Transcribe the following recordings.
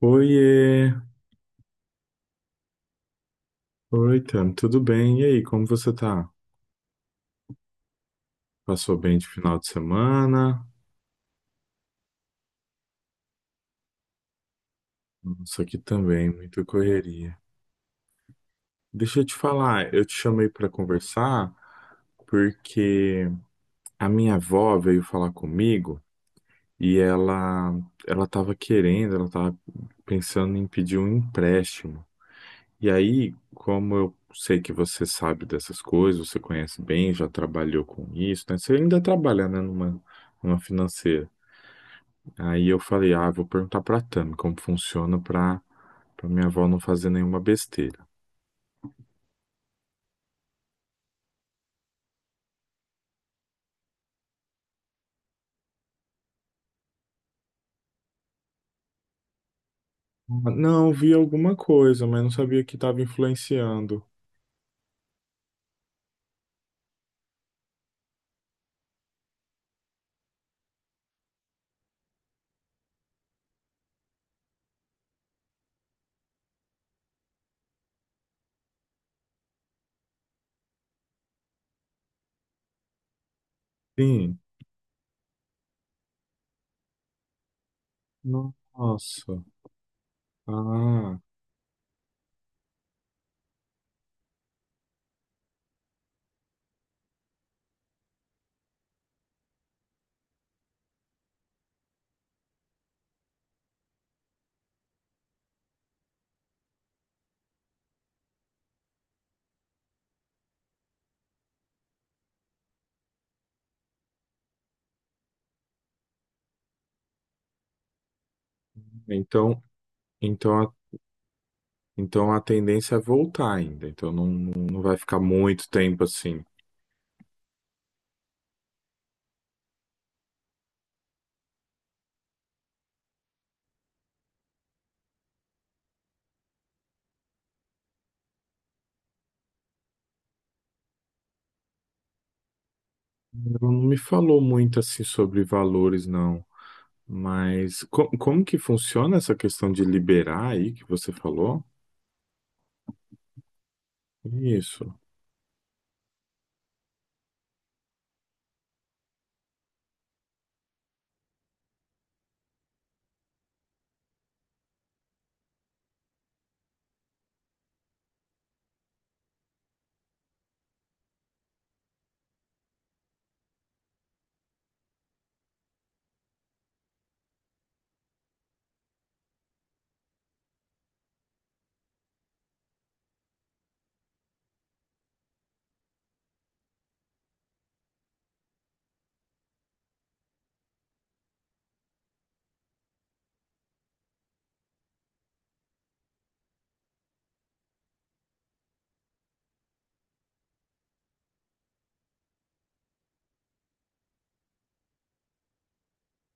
Oiê, oi, Tam, tudo bem? E aí, como você tá? Passou bem de final de semana? Nossa, aqui também, muita correria. Deixa eu te falar, eu te chamei para conversar porque a minha avó veio falar comigo e ela tava querendo, ela tava pensando em pedir um empréstimo. E aí, como eu sei que você sabe dessas coisas, você conhece bem, já trabalhou com isso, né? Você ainda trabalha, né, numa financeira. Aí eu falei, ah, vou perguntar pra Tami como funciona pra, pra minha avó não fazer nenhuma besteira. Ah, não, vi alguma coisa, mas não sabia que estava influenciando. Sim. Nossa. Ah, então, então, a, então a tendência é voltar ainda. Então não, não vai ficar muito tempo assim. Ela não me falou muito assim sobre valores, não. Mas como que funciona essa questão de liberar aí que você falou? Isso.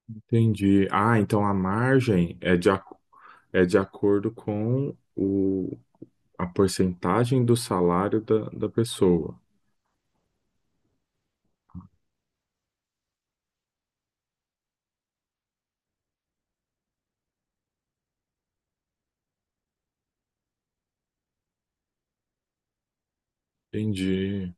Entendi. Ah, então a margem é é de acordo com a porcentagem do salário da pessoa. Entendi.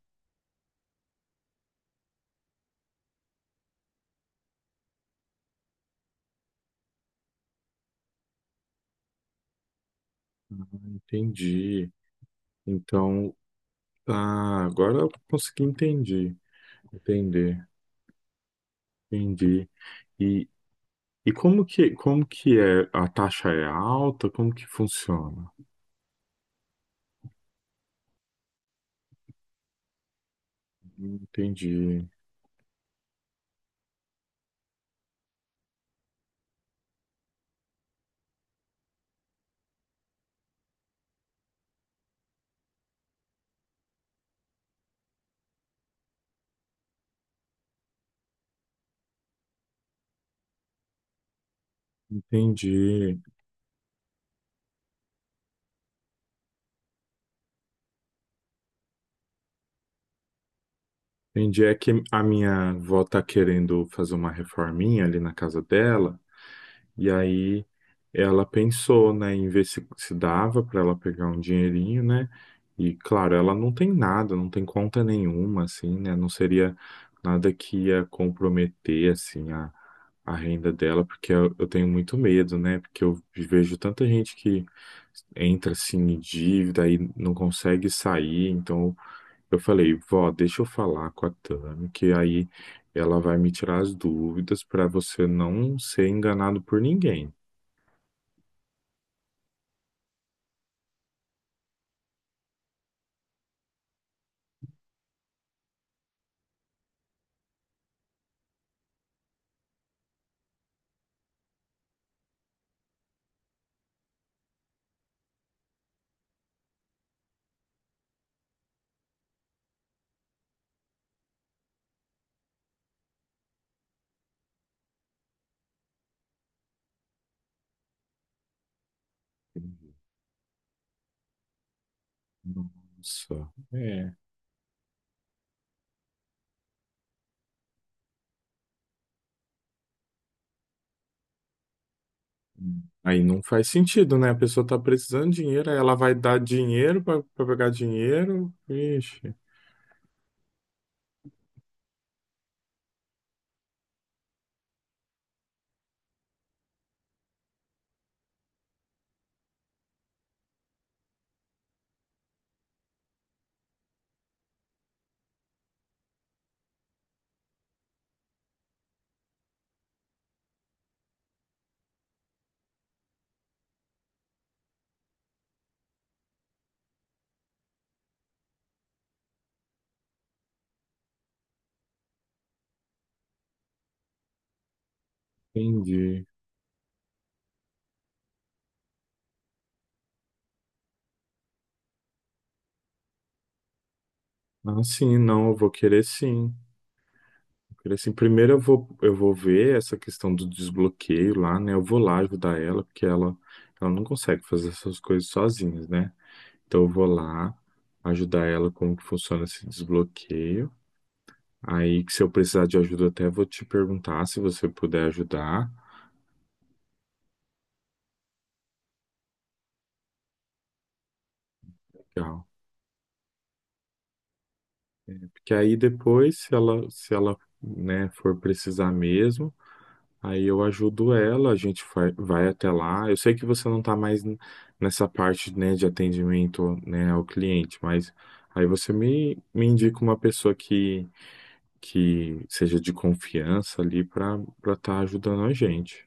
Ah, entendi. Então, tá, agora eu consegui entender, entender, entendi. E, e como que é? A taxa é alta? Como que funciona? Entendi, entendi. Entendi. É que a minha avó tá querendo fazer uma reforminha ali na casa dela. E aí ela pensou, né, em ver se, se dava para ela pegar um dinheirinho, né? E claro, ela não tem nada, não tem conta nenhuma, assim, né? Não seria nada que ia comprometer, assim, a renda dela, porque eu tenho muito medo, né? Porque eu vejo tanta gente que entra, assim, em dívida e não consegue sair, então eu falei, vó, deixa eu falar com a Tami, que aí ela vai me tirar as dúvidas para você não ser enganado por ninguém. Nossa, é. Aí não faz sentido, né? A pessoa tá precisando de dinheiro, aí ela vai dar dinheiro para pegar dinheiro. Vixe, entendi. Ah, sim, não, eu vou querer sim. Vou querer sim. Primeiro eu vou ver essa questão do desbloqueio lá, né? Eu vou lá ajudar ela, porque ela não consegue fazer essas coisas sozinha, né? Então eu vou lá ajudar ela como que funciona esse desbloqueio. Aí que se eu precisar de ajuda, eu até vou te perguntar se você puder ajudar. Legal. Porque aí depois, se ela, né, for precisar mesmo, aí eu ajudo ela, a gente vai, vai até lá. Eu sei que você não está mais nessa parte, né, de atendimento, né, ao cliente, mas aí você me indica uma pessoa que seja de confiança ali para estar ajudando a gente.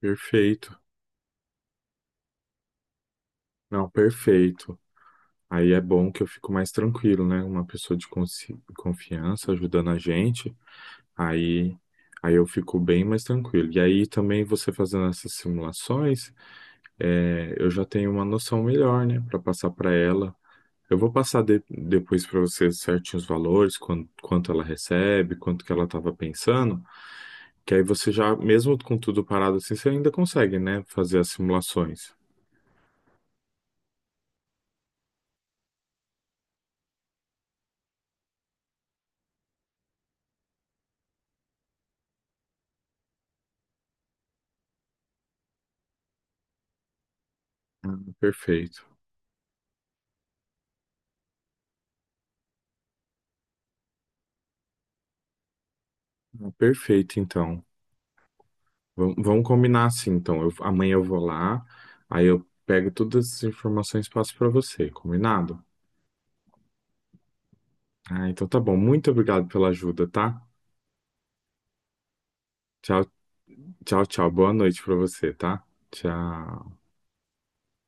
Perfeito. Não, perfeito. Aí é bom que eu fico mais tranquilo, né? Uma pessoa de confiança ajudando a gente, aí, aí eu fico bem mais tranquilo. E aí também você fazendo essas simulações, é, eu já tenho uma noção melhor, né? Para passar para ela. Eu vou passar depois para você certinho os valores, quanto ela recebe, quanto que ela estava pensando, que aí você já, mesmo com tudo parado assim, você ainda consegue, né? Fazer as simulações. Perfeito. Perfeito, então. Vamos combinar assim, então. Amanhã eu vou lá, aí eu pego todas as informações e passo para você, combinado? Ah, então tá bom. Muito obrigado pela ajuda, tá? Tchau, tchau, tchau. Boa noite para você, tá? Tchau.